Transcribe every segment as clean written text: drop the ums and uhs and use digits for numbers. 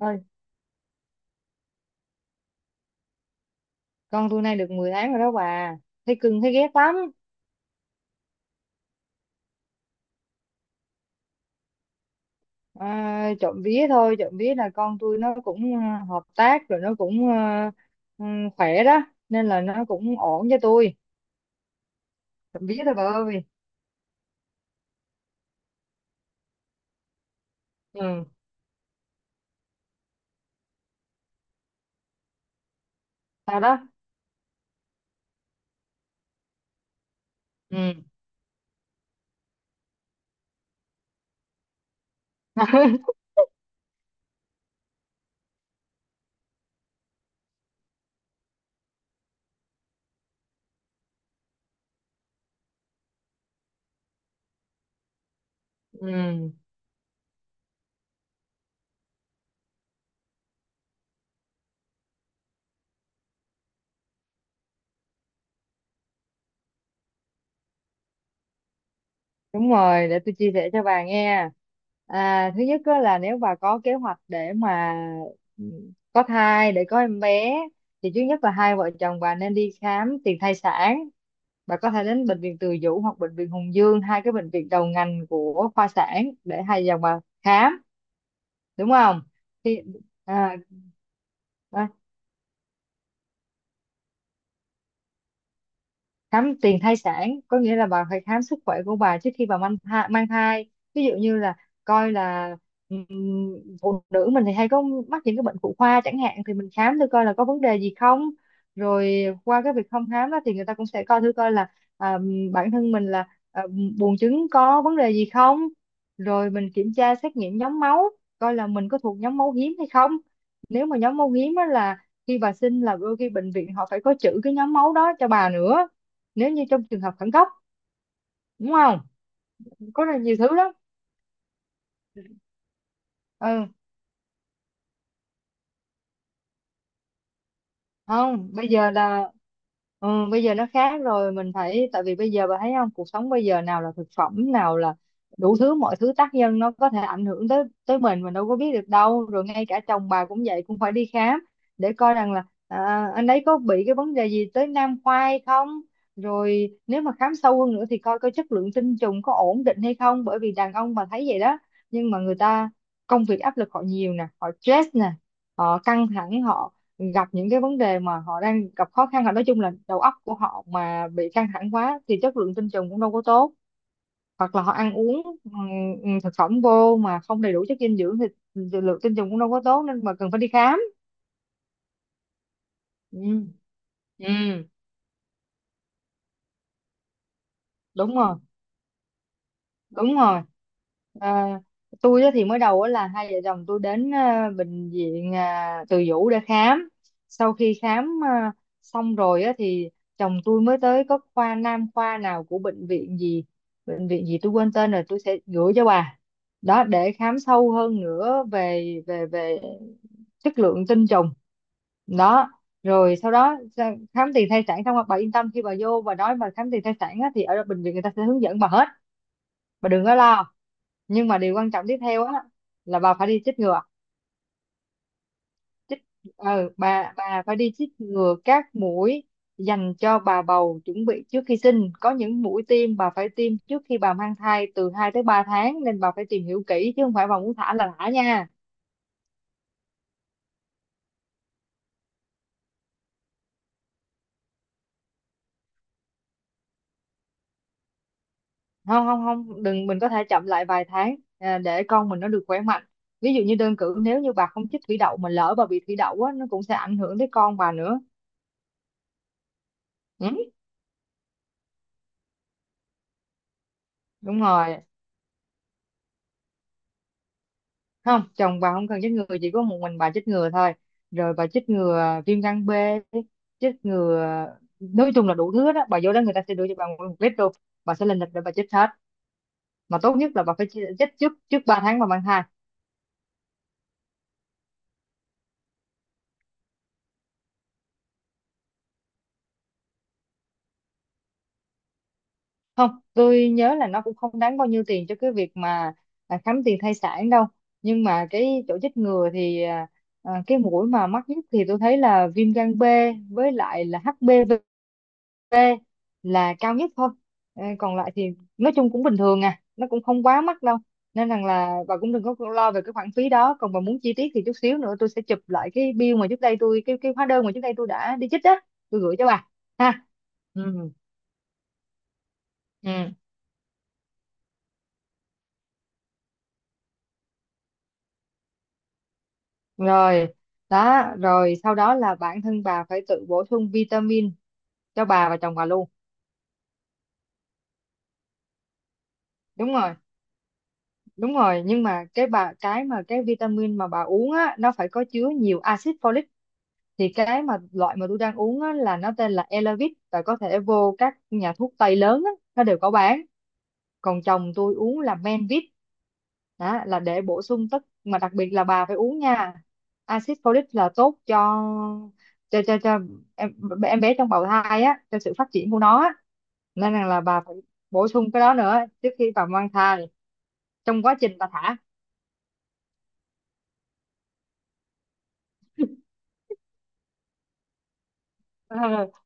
Ôi, con tôi nay được 10 tháng rồi đó bà, thấy cưng thấy ghét lắm. Trộm vía thôi, trộm vía là con tôi nó cũng hợp tác, rồi nó cũng ừ, khỏe đó, nên là nó cũng ổn cho tôi. Trộm vía thôi bà ơi. Ừ. Sao đó? Ừ. Ừ, đúng rồi, để tôi chia sẻ cho bà nghe. Thứ nhất á là nếu bà có kế hoạch để mà ừ, có thai, để có em bé, thì trước nhất là hai vợ chồng bà nên đi khám tiền thai sản. Bà có thể đến bệnh viện Từ Dũ hoặc bệnh viện Hùng Dương, hai cái bệnh viện đầu ngành của khoa sản, để hai dòng bà khám, đúng không? Thì, à, à, Khám tiền thai sản có nghĩa là bà phải khám sức khỏe của bà trước khi bà mang thai. Ví dụ như là coi là, ừm, phụ nữ mình thì hay có mắc những cái bệnh phụ khoa chẳng hạn, thì mình khám thử coi là có vấn đề gì không. Rồi qua cái việc thăm khám đó thì người ta cũng sẽ coi thử coi là à, bản thân mình là à, buồng trứng có vấn đề gì không. Rồi mình kiểm tra xét nghiệm nhóm máu, coi là mình có thuộc nhóm máu hiếm hay không. Nếu mà nhóm máu hiếm á là khi bà sinh là đôi khi bệnh viện họ phải có trữ cái nhóm máu đó cho bà nữa, nếu như trong trường hợp khẩn cấp. Đúng không, có rất là nhiều thứ lắm. Ừ, không, bây giờ là, bây giờ nó khác rồi, mình phải, tại vì bây giờ bà thấy không, cuộc sống bây giờ nào là thực phẩm, nào là đủ thứ, mọi thứ tác nhân nó có thể ảnh hưởng tới tới mình đâu có biết được đâu. Rồi ngay cả chồng bà cũng vậy, cũng phải đi khám để coi rằng là anh ấy có bị cái vấn đề gì tới nam khoai không. Rồi nếu mà khám sâu hơn nữa thì coi coi chất lượng tinh trùng có ổn định hay không, bởi vì đàn ông bà thấy vậy đó, nhưng mà người ta công việc áp lực họ nhiều nè, họ stress nè, họ căng thẳng, họ gặp những cái vấn đề mà họ đang gặp khó khăn, là nói chung là đầu óc của họ mà bị căng thẳng quá thì chất lượng tinh trùng cũng đâu có tốt. Hoặc là họ ăn uống thực phẩm vô mà không đầy đủ chất dinh dưỡng thì lượng tinh trùng cũng đâu có tốt, nên mà cần phải đi khám. Ừ, ừ, đúng rồi, đúng rồi. à, tôi á thì mới đầu á là hai vợ chồng tôi đến bệnh viện Từ Dũ để khám. Sau khi khám xong rồi á thì chồng tôi mới tới có khoa nam, khoa nào của bệnh viện gì, bệnh viện gì tôi quên tên rồi, tôi sẽ gửi cho bà đó, để khám sâu hơn nữa về về về chất lượng tinh trùng. Đó, rồi sau đó khám tiền thai sản xong, bà yên tâm khi bà vô bà nói bà khám tiền thai sản á, thì ở bệnh viện người ta sẽ hướng dẫn bà hết, bà đừng có lo. Nhưng mà điều quan trọng tiếp theo á là bà phải đi chích ngừa. Chích, bà phải đi chích ngừa các mũi dành cho bà bầu chuẩn bị trước khi sinh, có những mũi tiêm bà phải tiêm trước khi bà mang thai từ 2 tới 3 tháng, nên bà phải tìm hiểu kỹ chứ không phải bà muốn thả là thả nha. Không không không, đừng, mình có thể chậm lại vài tháng để con mình nó được khỏe mạnh. Ví dụ như đơn cử, nếu như bà không chích thủy đậu mà lỡ bà bị thủy đậu á, nó cũng sẽ ảnh hưởng tới con bà nữa. Ừ, đúng rồi, không, chồng bà không cần chích ngừa, chỉ có một mình bà chích ngừa thôi. Rồi bà chích ngừa viêm gan B, chích ngừa, nói chung là đủ thứ đó, bà vô đó người ta sẽ đưa cho bà nguyên một lít luôn, bà sẽ lên lịch để bà chích hết. Mà tốt nhất là bà phải chích trước, trước ba tháng bà mang thai. Không, tôi nhớ là nó cũng không đáng bao nhiêu tiền cho cái việc mà khám tiền thai sản đâu. Nhưng mà cái chỗ chích ngừa thì cái mũi mà mắc nhất thì tôi thấy là viêm gan B, với lại là HPV B là cao nhất thôi. Ờ, còn lại thì nói chung cũng bình thường à, nó cũng không quá mắc đâu, nên rằng là bà cũng đừng có lo về cái khoản phí đó. Còn bà muốn chi tiết thì chút xíu nữa tôi sẽ chụp lại cái bill mà trước đây tôi, cái hóa đơn mà trước đây tôi đã đi chích á, tôi gửi cho bà. Ha, ừ, ừ, rồi. Đó, rồi sau đó là bản thân bà phải tự bổ sung vitamin cho bà và chồng bà luôn. Đúng rồi, đúng rồi, nhưng mà cái vitamin mà bà uống á, nó phải có chứa nhiều axit folic. Thì cái mà loại mà tôi đang uống á, là nó tên là Elavit, và có thể vô các nhà thuốc tây lớn á, nó đều có bán. Còn chồng tôi uống là Menvit. Đó là để bổ sung tất, mà đặc biệt là bà phải uống nha. Axit folic là tốt cho cho em, em bé trong bào thai á, cho sự phát triển của nó á. Nên rằng là bà phải bổ sung cái đó nữa trước khi bà mang thai, trong quá trình bà thả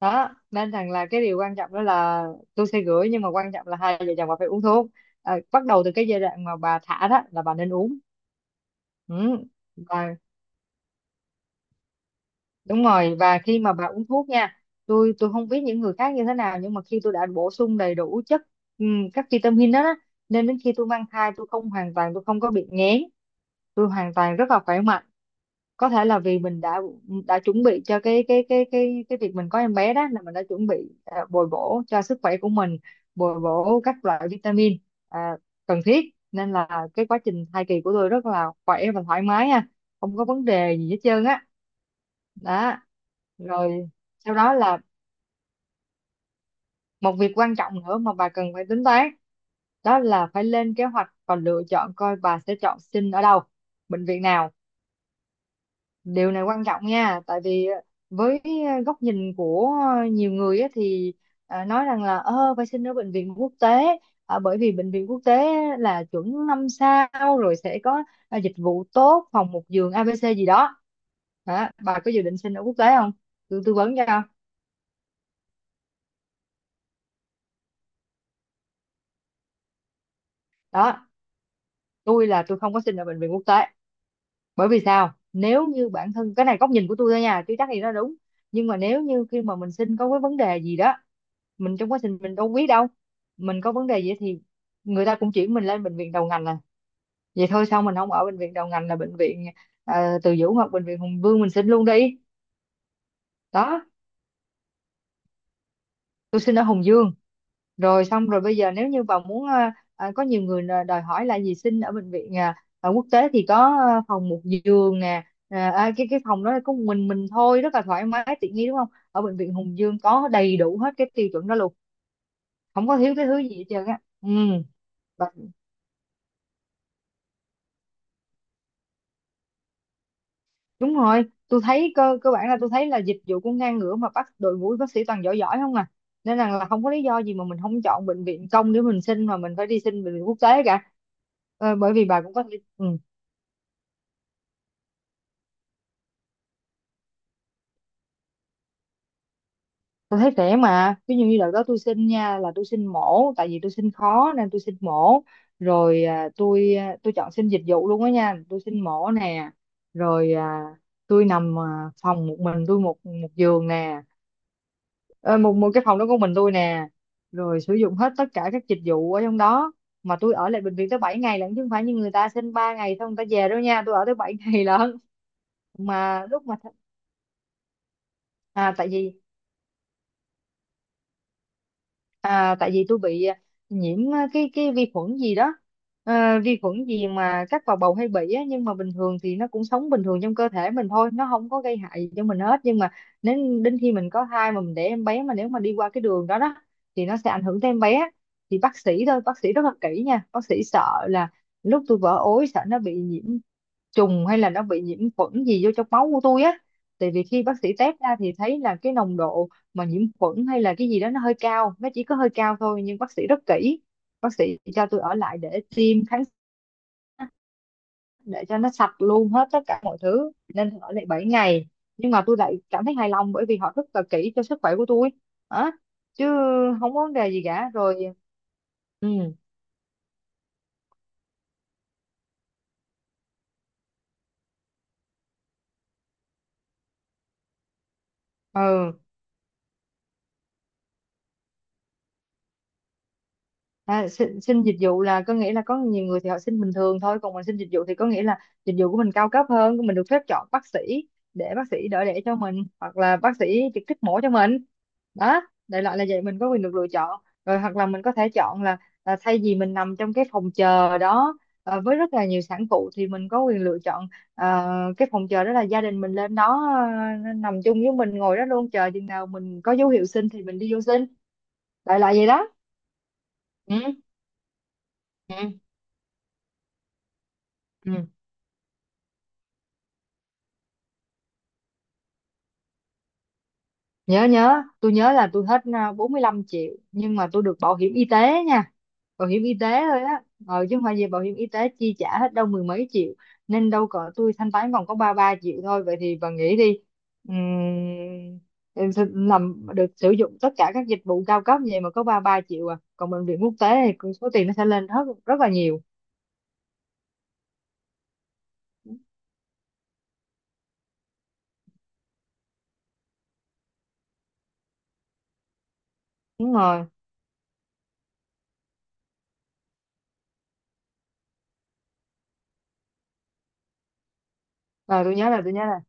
đó. Nên rằng là cái điều quan trọng đó là tôi sẽ gửi, nhưng mà quan trọng là hai vợ chồng bà phải uống thuốc bắt đầu từ cái giai đoạn mà bà thả đó là bà nên uống. Ừ. Và, đúng rồi, và khi mà bà uống thuốc nha, tôi không biết những người khác như thế nào, nhưng mà khi tôi đã bổ sung đầy đủ chất, các vitamin đó, đó, nên đến khi tôi mang thai tôi không, hoàn toàn tôi không có bị nghén, tôi hoàn toàn rất là khỏe mạnh. Có thể là vì mình đã chuẩn bị cho cái việc mình có em bé, đó là mình đã chuẩn bị bồi bổ cho sức khỏe của mình, bồi bổ các loại vitamin à, cần thiết, nên là cái quá trình thai kỳ của tôi rất là khỏe và thoải mái ha, không có vấn đề gì hết trơn á. Đó, rồi sau đó là một việc quan trọng nữa mà bà cần phải tính toán, đó là phải lên kế hoạch và lựa chọn coi bà sẽ chọn sinh ở đâu, bệnh viện nào. Điều này quan trọng nha, tại vì với góc nhìn của nhiều người á, thì nói rằng là ơ phải xin ở bệnh viện quốc tế, bởi vì bệnh viện quốc tế là chuẩn năm sao, rồi sẽ có dịch vụ tốt, phòng một giường ABC gì đó. Hả? Bà có dự định xin ở quốc tế không, tôi tư vấn cho. Đó, tôi là tôi không có xin ở bệnh viện quốc tế, bởi vì sao, nếu như bản thân, cái này góc nhìn của tôi thôi nha chứ chắc gì nó đúng, nhưng mà nếu như khi mà mình xin có cái vấn đề gì đó, mình trong quá trình mình đâu biết đâu, mình có vấn đề gì thì người ta cũng chuyển mình lên bệnh viện đầu ngành, là vậy thôi sao mình không ở bệnh viện đầu ngành là bệnh viện Từ Dũ hoặc bệnh viện Hùng Vương mình xin luôn đi. Đó, tôi xin ở Hùng Dương. Rồi xong rồi, bây giờ nếu như bà muốn có nhiều người là đòi hỏi là gì, xin ở bệnh viện ở quốc tế thì có phòng một giường nè. Ờ, cái phòng đó có một mình thôi, rất là thoải mái tiện nghi, đúng không, ở bệnh viện Hùng Dương có đầy đủ hết cái tiêu chuẩn đó luôn, không có thiếu cái thứ gì hết trơn á. Ừ. Đúng rồi, tôi thấy cơ cơ bản là tôi thấy là dịch vụ cũng ngang ngửa, mà bắt đội ngũ bác sĩ toàn giỏi giỏi không à. Nên rằng là không có lý do gì mà mình không chọn bệnh viện công để mình xin, mà mình phải đi xin bệnh viện quốc tế cả. Bởi vì bà cũng có thể tôi thấy rẻ mà. Ví dụ như đợt đó tôi xin nha, là tôi xin mổ, tại vì tôi xin khó nên tôi xin mổ. Tôi chọn xin dịch vụ luôn đó nha, tôi xin mổ nè. Rồi à, tôi nằm phòng một mình tôi, một một giường nè. Ờ, một một cái phòng đó của mình tôi nè, rồi sử dụng hết tất cả các dịch vụ ở trong đó. Mà tôi ở lại bệnh viện tới 7 ngày lận, chứ không phải như người ta xin 3 ngày xong người ta về đâu nha, tôi ở tới 7 ngày lận. Mà lúc mà th- à tại vì tại vì tôi bị nhiễm cái vi khuẩn gì đó. Vi khuẩn gì mà các vào bầu hay bị á, nhưng mà bình thường thì nó cũng sống bình thường trong cơ thể mình thôi, nó không có gây hại gì cho mình hết. Nhưng mà nếu đến khi mình có thai mà mình để em bé, mà nếu mà đi qua cái đường đó đó thì nó sẽ ảnh hưởng tới em bé. Thì bác sĩ, thôi, bác sĩ rất là kỹ nha, bác sĩ sợ là lúc tôi vỡ ối sợ nó bị nhiễm trùng, hay là nó bị nhiễm khuẩn gì vô trong máu của tôi á. Tại vì khi bác sĩ test ra thì thấy là cái nồng độ mà nhiễm khuẩn hay là cái gì đó nó hơi cao, nó chỉ có hơi cao thôi, nhưng bác sĩ rất kỹ. Bác sĩ cho tôi ở lại để tiêm kháng, để cho nó sạch luôn hết tất cả mọi thứ, nên ở lại 7 ngày. Nhưng mà tôi lại cảm thấy hài lòng bởi vì họ rất là kỹ cho sức khỏe của tôi á, chứ không có vấn đề gì cả rồi. Ừ. Ừ. À, xin dịch vụ là có nghĩa là, có nhiều người thì họ xin bình thường thôi, còn mình xin dịch vụ thì có nghĩa là dịch vụ của mình cao cấp hơn, mình được phép chọn bác sĩ để bác sĩ đỡ đẻ cho mình, hoặc là bác sĩ trực tiếp mổ cho mình đó. Đại loại là vậy, mình có quyền được lựa chọn rồi, hoặc là mình có thể chọn là, thay vì mình nằm trong cái phòng chờ đó với rất là nhiều sản phụ, thì mình có quyền lựa chọn ờ, cái phòng chờ đó là gia đình mình lên đó nằm chung với mình, ngồi đó luôn, chờ chừng nào mình có dấu hiệu sinh thì mình đi vô sinh. Đại loại vậy đó. Ừ. Ừ. Ừ. Nhớ, nhớ, tôi nhớ là tôi hết 45 triệu, nhưng mà tôi được bảo hiểm y tế nha. Bảo hiểm y tế thôi á, chứ không phải gì bảo hiểm y tế chi trả hết đâu, mười mấy triệu. Nên đâu cỡ tôi thanh toán còn có ba ba triệu thôi. Vậy thì bà nghĩ đi. Ừm, em sẽ làm được, sử dụng tất cả các dịch vụ cao cấp như vậy mà có ba ba triệu à, còn bệnh viện quốc tế thì số tiền nó sẽ lên rất rất là nhiều. Đúng rồi. Rồi tôi nhớ là tôi nhớ là,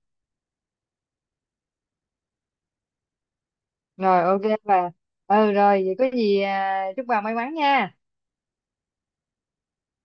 rồi ok bà. Ừ rồi, vậy có gì chúc bà may mắn nha.